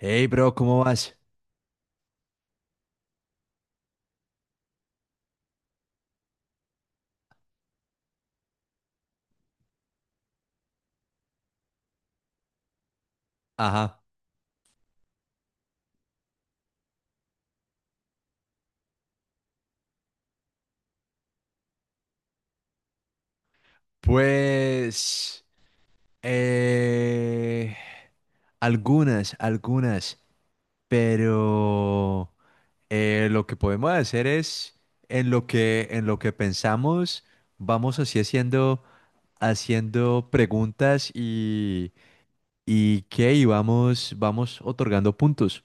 Hey, bro, ¿cómo vas? Ajá. Pues, eh, algunas, pero lo que podemos hacer es, en lo que pensamos, vamos así haciendo preguntas, y vamos otorgando puntos.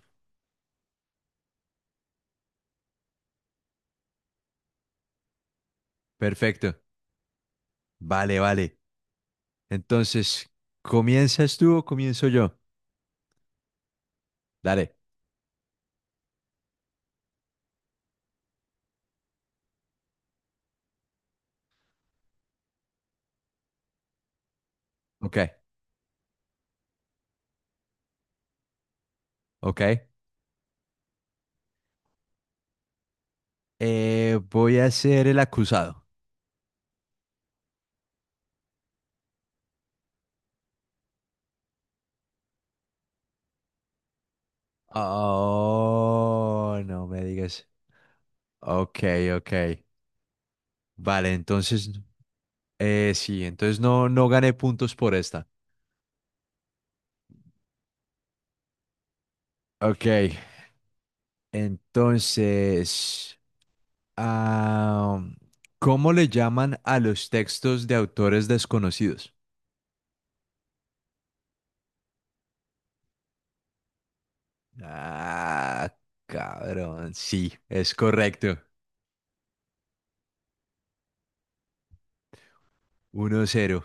Perfecto. Vale, vale. Entonces, ¿comienzas tú o comienzo yo? Dale. Ok, ok. Voy a ser el acusado. Oh, no me digas. Ok, ok. Vale, entonces, sí, entonces no gané puntos por esta. Ok, entonces, ah, ¿cómo le llaman a los textos de autores desconocidos? Ah, cabrón, sí, es correcto. 1-0.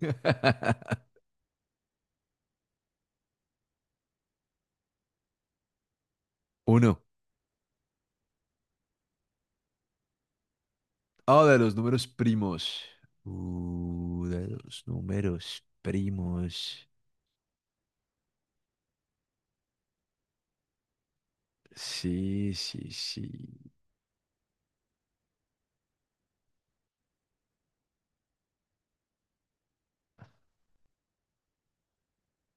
Uno. Ah, de los números primos. De los números primos. Sí, sí, sí.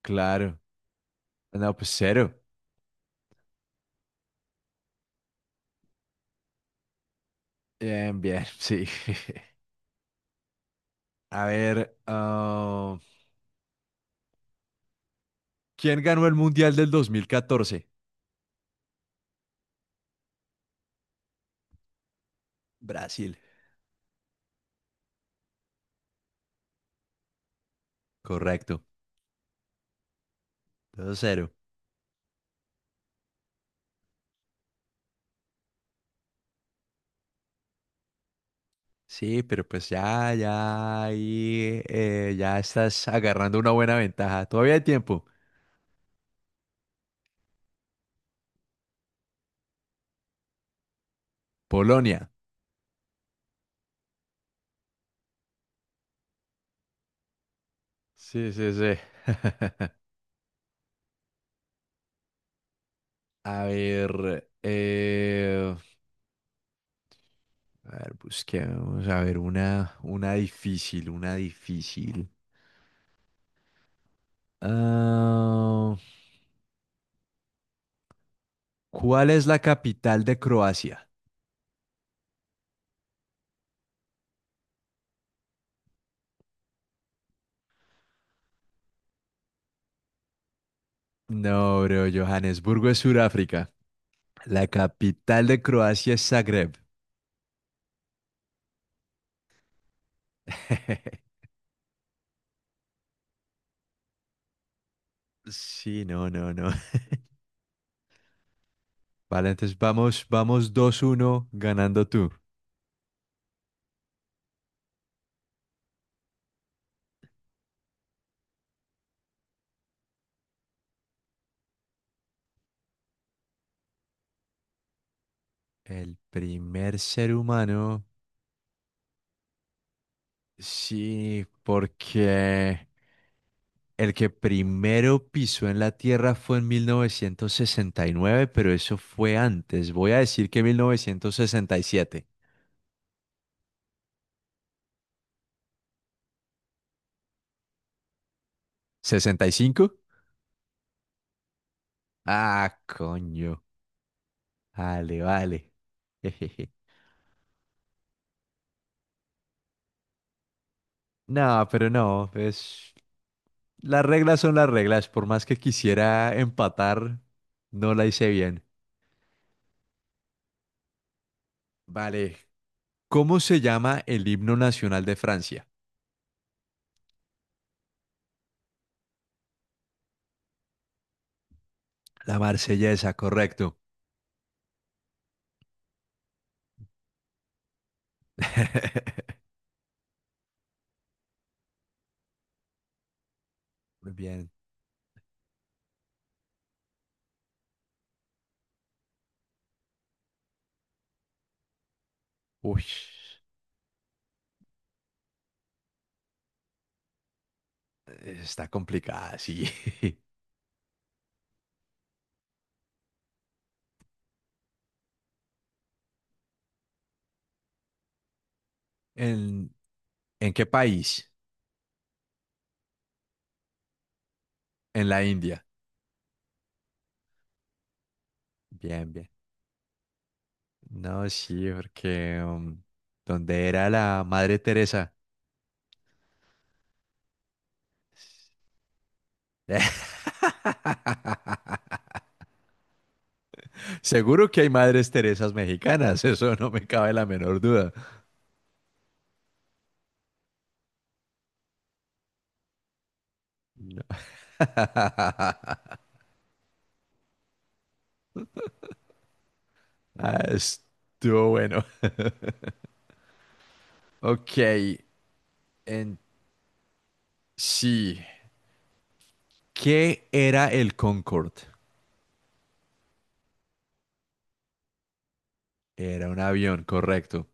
Claro. No, pues cero. Bien, bien, sí. A ver, ¿quién ganó el Mundial del 2014? Brasil. Correcto. 2-0. Sí, pero pues ya ahí ya estás agarrando una buena ventaja. Todavía hay tiempo. Polonia. Sí, sí, sí. A ver, eh, a ver, busquemos, a ver, una difícil, una difícil. Ah, ¿cuál es la capital de Croacia? No, bro, Johannesburgo es Sudáfrica. La capital de Croacia es Zagreb. Sí, no, no, no. Vale, entonces vamos 2-1, ganando tú. El primer ser humano, sí, porque el que primero pisó en la Tierra fue en 1969, pero eso fue antes. Voy a decir que 1967. ¿65? Ah, coño. Vale, vale. Jejeje. No, pero no, pues las reglas son las reglas. Por más que quisiera empatar, no la hice bien. Vale. ¿Cómo se llama el himno nacional de Francia? La Marsellesa, correcto. Muy bien. Uy. Está complicada, sí. ¿En, en qué país? En la India. Bien, bien. No, sí, porque ¿dónde era la Madre Teresa? Seguro que hay Madres Teresas mexicanas, eso no me cabe la menor duda. No. Ah, estuvo bueno. Ok, en sí. ¿Qué era el Concorde? Era un avión, correcto.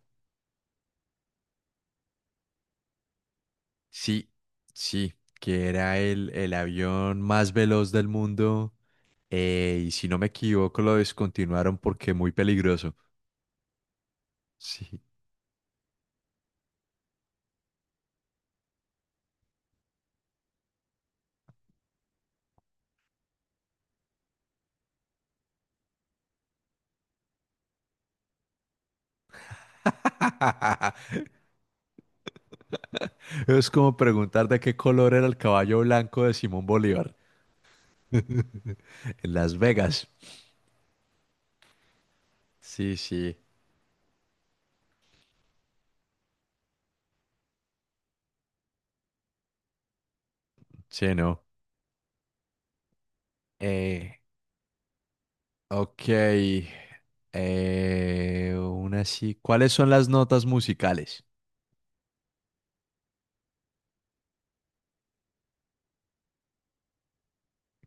Sí, sí, que era el avión más veloz del mundo, y si no me equivoco lo descontinuaron porque muy peligroso. Sí. Es como preguntar de qué color era el caballo blanco de Simón Bolívar. En Las Vegas. Sí, sí, sí, no. Eh, ok. Una sí. ¿Cuáles son las notas musicales?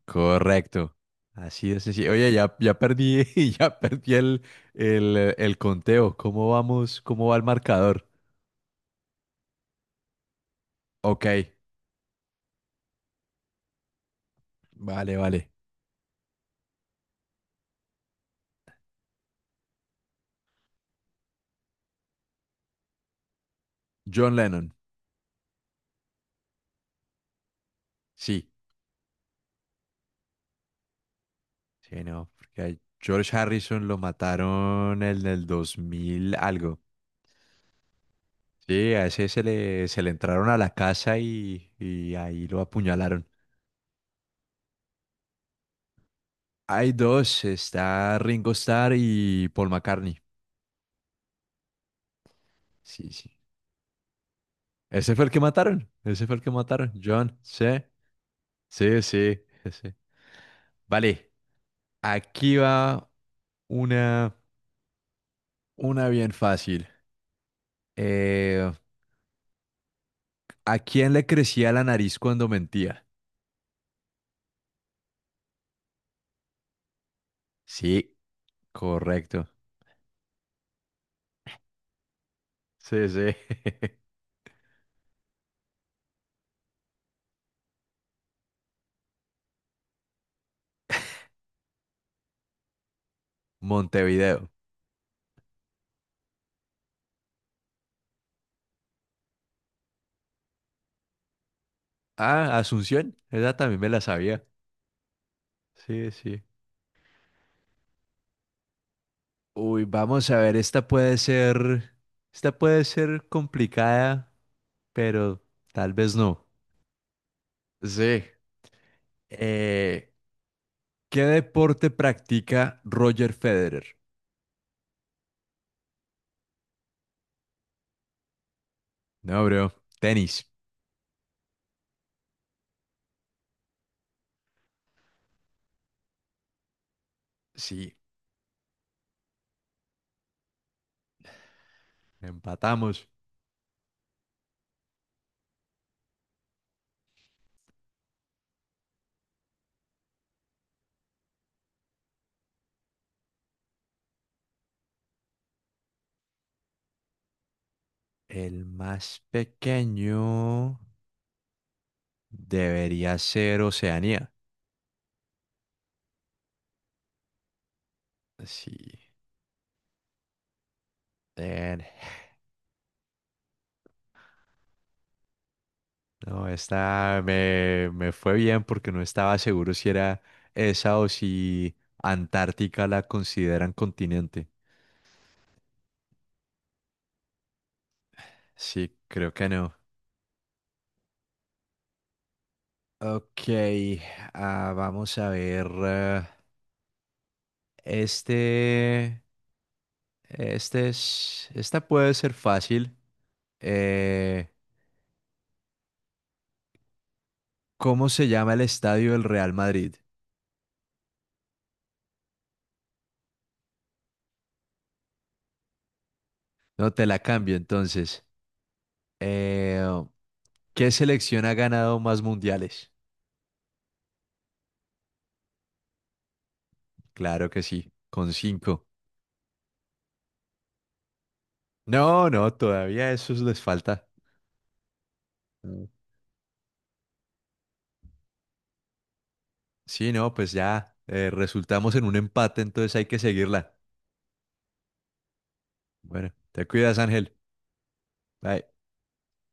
Correcto. Así es así. Oye, ya perdí, ya perdí el conteo. ¿Cómo vamos? ¿Cómo va el marcador? Ok, vale, vale. John Lennon. Sí, sí, no, porque a George Harrison lo mataron en el 2000 algo. Sí, a ese se le entraron a la casa y ahí lo apuñalaron. Hay dos, está Ringo Starr y Paul McCartney. Sí, sí. Ese fue el que mataron. Ese fue el que mataron. John, sí. Sí, sí, sí. Sí. Vale, aquí va una, una bien fácil. Eh, ¿A quién le crecía la nariz cuando mentía? Sí, correcto. Sí, sí. Montevideo. Ah, Asunción. Esa también me la sabía. Sí, sí. Uy, vamos a ver, esta puede ser complicada, pero tal vez no. Sí. Eh, ¿Qué deporte practica Roger Federer? No, bro. Tenis. Sí, empatamos. El más pequeño debería ser Oceanía. Sí. Bien. No, esta me fue bien porque no estaba seguro si era esa o si Antártica la consideran continente. Sí, creo que no. Ok, vamos a ver. Este, este es, esta puede ser fácil. Eh, ¿Cómo se llama el estadio del Real Madrid? No te la cambio entonces. Eh, ¿Qué selección ha ganado más mundiales? Claro que sí, con cinco. No, no, todavía eso les falta. Mm. Sí, no, pues ya resultamos en un empate, entonces hay que seguirla. Bueno, te cuidas, Ángel. Bye.